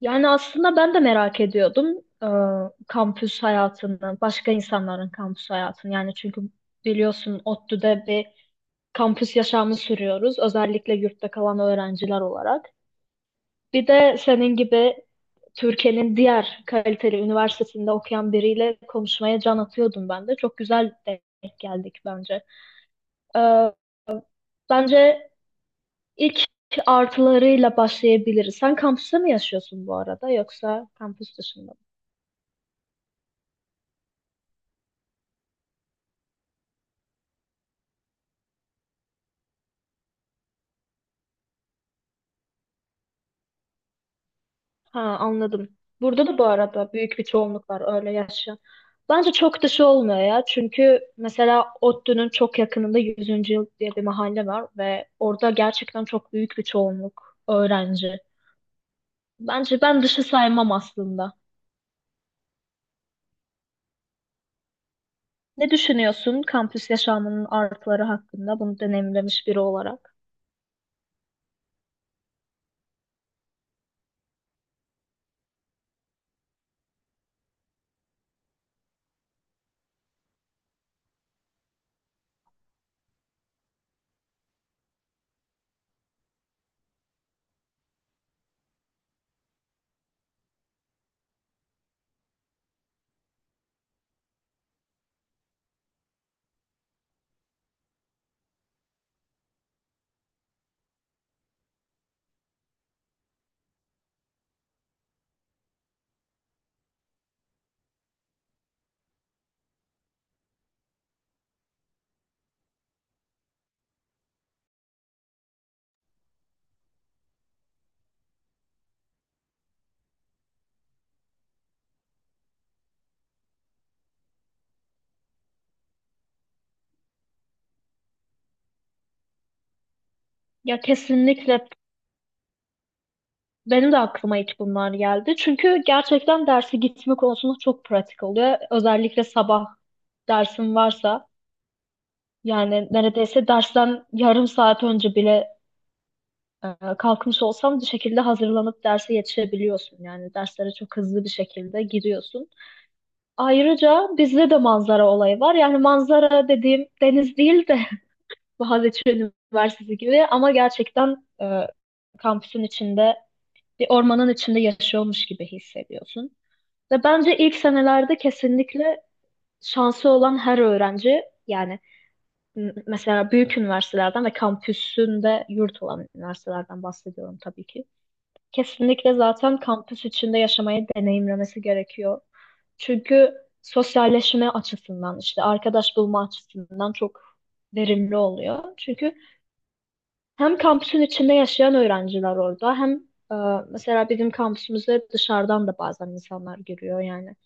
Yani aslında ben de merak ediyordum e, kampüs hayatını, başka insanların kampüs hayatını. Yani çünkü biliyorsun ODTÜ'de bir kampüs yaşamı sürüyoruz. Özellikle yurtta kalan öğrenciler olarak. Bir de senin gibi Türkiye'nin diğer kaliteli üniversitesinde okuyan biriyle konuşmaya can atıyordum ben de. Çok güzel denk geldik bence. Ee, bence ilk artılarıyla başlayabiliriz. Sen kampüste mi yaşıyorsun bu arada yoksa kampüs dışında mı? Ha, anladım. Burada da bu arada büyük bir çoğunluk var öyle yaşayan. Bence çok dışı olmuyor ya. Çünkü mesela ODTÜ'nün çok yakınında Yüzüncü Yıl diye bir mahalle var ve orada gerçekten çok büyük bir çoğunluk öğrenci. Bence ben dışı saymam aslında. Ne düşünüyorsun kampüs yaşamının artıları hakkında bunu deneyimlemiş biri olarak? Ya kesinlikle, benim de aklıma ilk bunlar geldi. Çünkü gerçekten derse gitme konusunda çok pratik oluyor. Özellikle sabah dersin varsa. Yani neredeyse dersten yarım saat önce bile e, kalkmış olsam bir şekilde hazırlanıp derse yetişebiliyorsun. Yani derslere çok hızlı bir şekilde giriyorsun. Ayrıca bizde de manzara olayı var. Yani manzara dediğim deniz değil de Boğaziçi Üniversitesi gibi ama gerçekten kampüsün içinde bir ormanın içinde yaşıyormuş gibi hissediyorsun. Ve bence ilk senelerde kesinlikle şansı olan her öğrenci, yani mesela büyük üniversitelerden ve kampüsünde yurt olan üniversitelerden bahsediyorum tabii ki. Kesinlikle zaten kampüs içinde yaşamayı deneyimlemesi gerekiyor. Çünkü sosyalleşme açısından, işte arkadaş bulma açısından çok verimli oluyor. Çünkü hem kampüsün içinde yaşayan öğrenciler orada, hem mesela bizim kampüsümüze dışarıdan da bazen insanlar giriyor yani.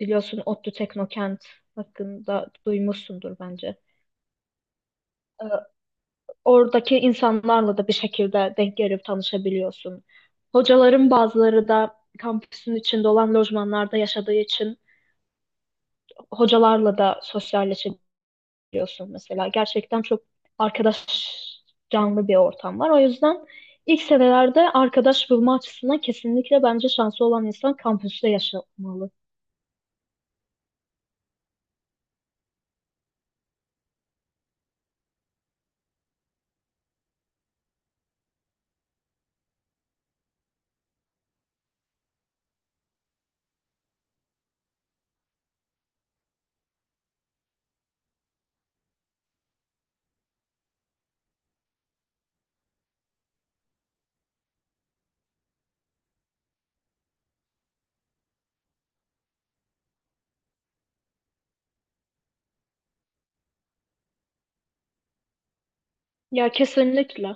Biliyorsun ODTÜ Teknokent hakkında duymuşsundur bence. E, oradaki insanlarla da bir şekilde denk gelip tanışabiliyorsun. Hocaların bazıları da kampüsün içinde olan lojmanlarda yaşadığı için hocalarla da sosyalleşebiliyorsun mesela. Gerçekten çok arkadaş canlı bir ortam var. O yüzden ilk senelerde arkadaş bulma açısından kesinlikle bence şansı olan insan kampüste yaşamalı. Ya kesinlikle,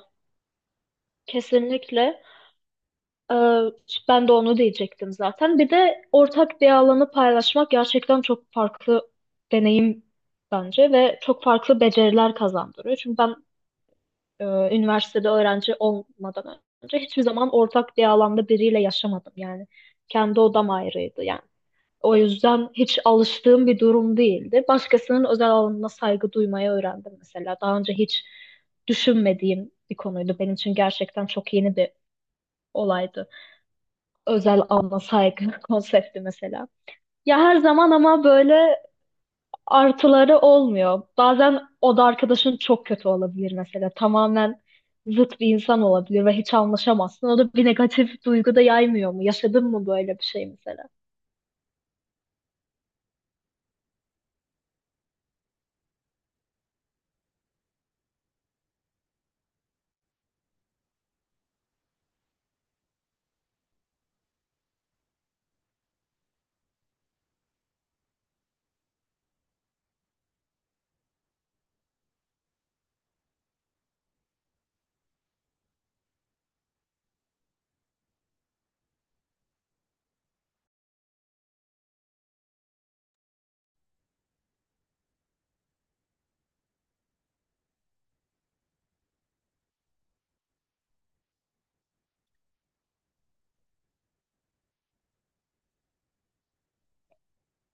kesinlikle. Ee, ben de onu diyecektim zaten. Bir de ortak bir alanı paylaşmak gerçekten çok farklı deneyim bence ve çok farklı beceriler kazandırıyor. Çünkü ben e, üniversitede öğrenci olmadan önce hiçbir zaman ortak bir alanda biriyle yaşamadım. Yani kendi odam ayrıydı yani. O yüzden hiç alıştığım bir durum değildi. Başkasının özel alanına saygı duymayı öğrendim mesela. Daha önce hiç düşünmediğim bir konuydu. Benim için gerçekten çok yeni bir olaydı, özel alma saygı konsepti mesela. Ya her zaman ama böyle artıları olmuyor. Bazen o da arkadaşın çok kötü olabilir mesela. Tamamen zıt bir insan olabilir ve hiç anlaşamazsın. O da bir negatif duygu da yaymıyor mu? Yaşadın mı böyle bir şey mesela?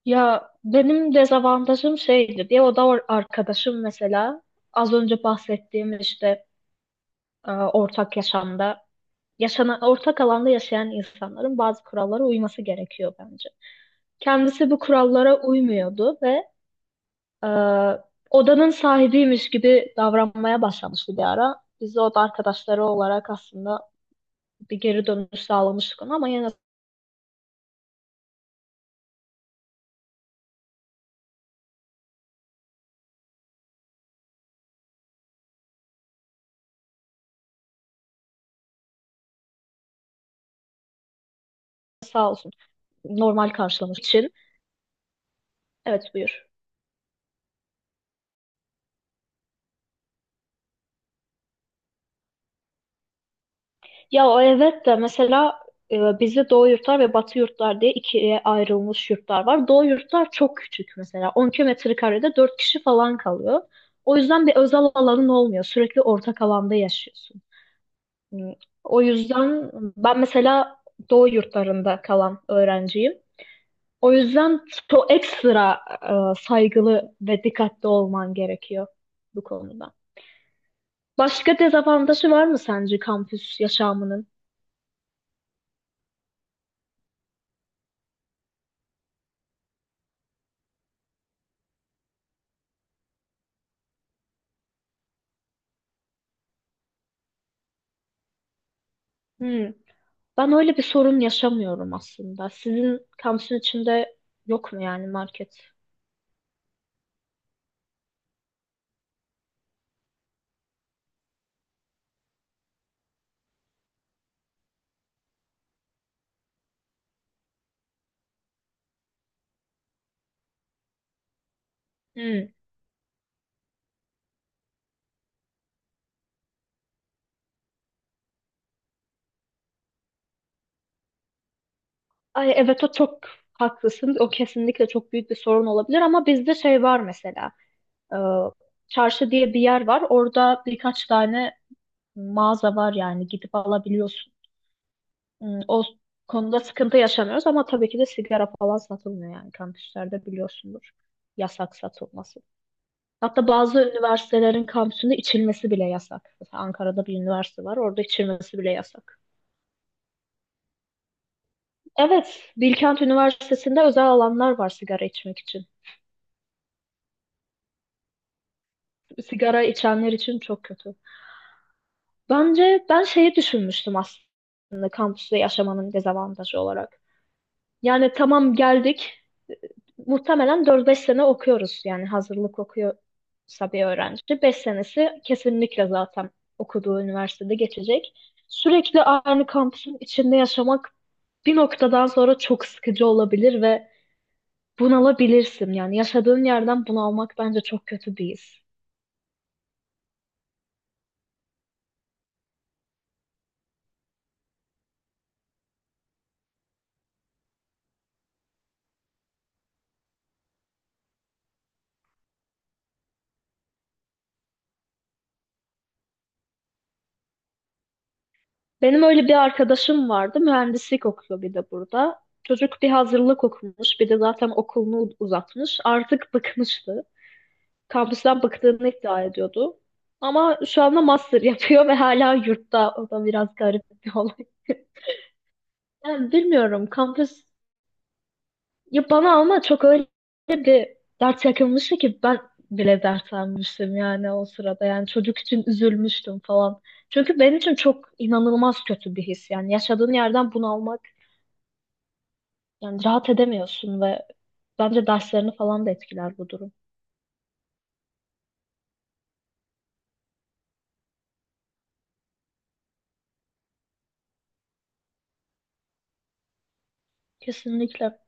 Ya benim dezavantajım şeydi diye, o da arkadaşım mesela az önce bahsettiğim, işte ortak yaşamda yaşanan ortak alanda yaşayan insanların bazı kurallara uyması gerekiyor bence. Kendisi bu kurallara uymuyordu ve e, odanın sahibiymiş gibi davranmaya başlamıştı bir ara. Biz de oda arkadaşları olarak aslında bir geri dönüş sağlamıştık ona ama yine de sağ olsun normal karşılamış için. Evet, buyur. Ya o evet de, mesela bizde Doğu yurtlar ve Batı yurtlar diye ikiye ayrılmış yurtlar var. Doğu yurtlar çok küçük mesela. 10 kilometre karede 4 kişi falan kalıyor. O yüzden bir özel alanın olmuyor. Sürekli ortak alanda yaşıyorsun. Hmm. O yüzden ben mesela Doğu yurtlarında kalan öğrenciyim. O yüzden çok ekstra saygılı ve dikkatli olman gerekiyor bu konuda. Başka dezavantajı var mı sence kampüs yaşamının? Hmm. Ben öyle bir sorun yaşamıyorum aslında. Sizin kampüsün içinde yok mu yani market? Hmm. Ay evet, o çok haklısın. O kesinlikle çok büyük bir sorun olabilir ama bizde şey var mesela. Ee, çarşı diye bir yer var. Orada birkaç tane mağaza var, yani gidip alabiliyorsun. Hmm, o konuda sıkıntı yaşamıyoruz ama tabii ki de sigara falan satılmıyor yani kampüslerde, biliyorsundur. Yasak satılması. Hatta bazı üniversitelerin kampüsünde içilmesi bile yasak. Mesela Ankara'da bir üniversite var, orada içilmesi bile yasak. Evet, Bilkent Üniversitesi'nde özel alanlar var sigara içmek için. Sigara içenler için çok kötü. Bence ben şeyi düşünmüştüm aslında kampüste yaşamanın dezavantajı olarak. Yani tamam, geldik. Muhtemelen 4-5 sene okuyoruz. Yani hazırlık okuyorsa bir öğrenci. 5 senesi kesinlikle zaten okuduğu üniversitede geçecek. Sürekli aynı kampüsün içinde yaşamak bir noktadan sonra çok sıkıcı olabilir ve bunalabilirsin. Yani yaşadığın yerden bunalmak bence çok kötü bir his. Benim öyle bir arkadaşım vardı. Mühendislik okuyor bir de burada. Çocuk bir hazırlık okumuş, bir de zaten okulunu uzatmış. Artık bıkmıştı. Kampüsten bıktığını iddia ediyordu. Ama şu anda master yapıyor ve hala yurtta. O da biraz garip bir olay. Yani bilmiyorum, kampüs ya bana ama çok öyle bir dert yakınmıştı ki ben bile dertlenmiştim yani o sırada. Yani çocuk için üzülmüştüm falan. Çünkü benim için çok inanılmaz kötü bir his. Yani yaşadığın yerden bunalmak, yani rahat edemiyorsun ve bence derslerini falan da etkiler bu durum. Kesinlikle.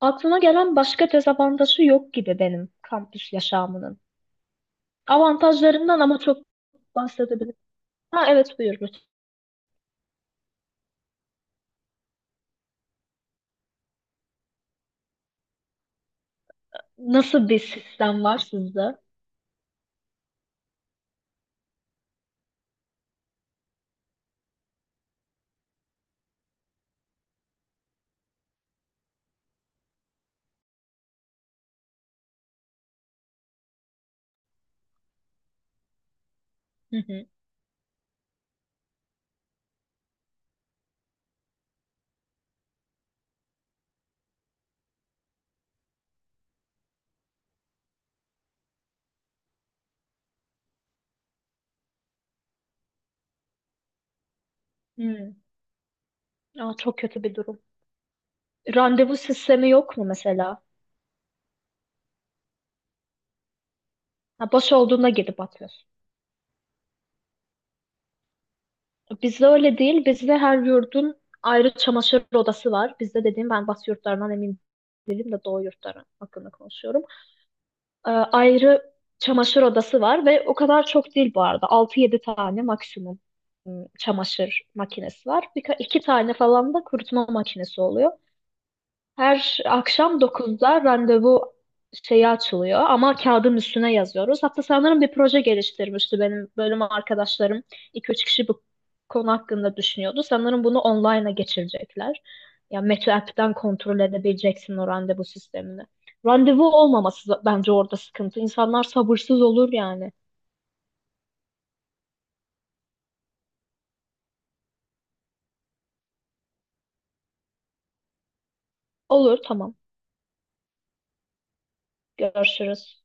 Aklıma gelen başka dezavantajı yok gibi benim kampüs yaşamının. Avantajlarından ama çok bahsedebilirim. Ha evet, buyur lütfen. Nasıl bir sistem var sizde? Hı hı. Hmm. Aa, çok kötü bir durum. Randevu sistemi yok mu mesela? Ha, boş olduğunda gidip atıyorsun. Bizde öyle değil. Bizde her yurdun ayrı çamaşır odası var. Bizde dediğim, ben Batı yurtlarından emin değilim de Doğu yurtları hakkında konuşuyorum. Ayrı çamaşır odası var ve o kadar çok değil bu arada. Altı yedi tane maksimum çamaşır makinesi var. Birka iki tane falan da kurutma makinesi oluyor. Her akşam 9'da randevu şeyi açılıyor ama kağıdın üstüne yazıyoruz. Hatta sanırım bir proje geliştirmişti benim bölüm arkadaşlarım. İki üç kişi bu konu hakkında düşünüyordu. Sanırım bunu online'a geçirecekler. Ya Meto app'ten kontrol edebileceksin o randevu sistemini. Randevu olmaması bence orada sıkıntı. İnsanlar sabırsız olur yani. Olur, tamam, görüşürüz.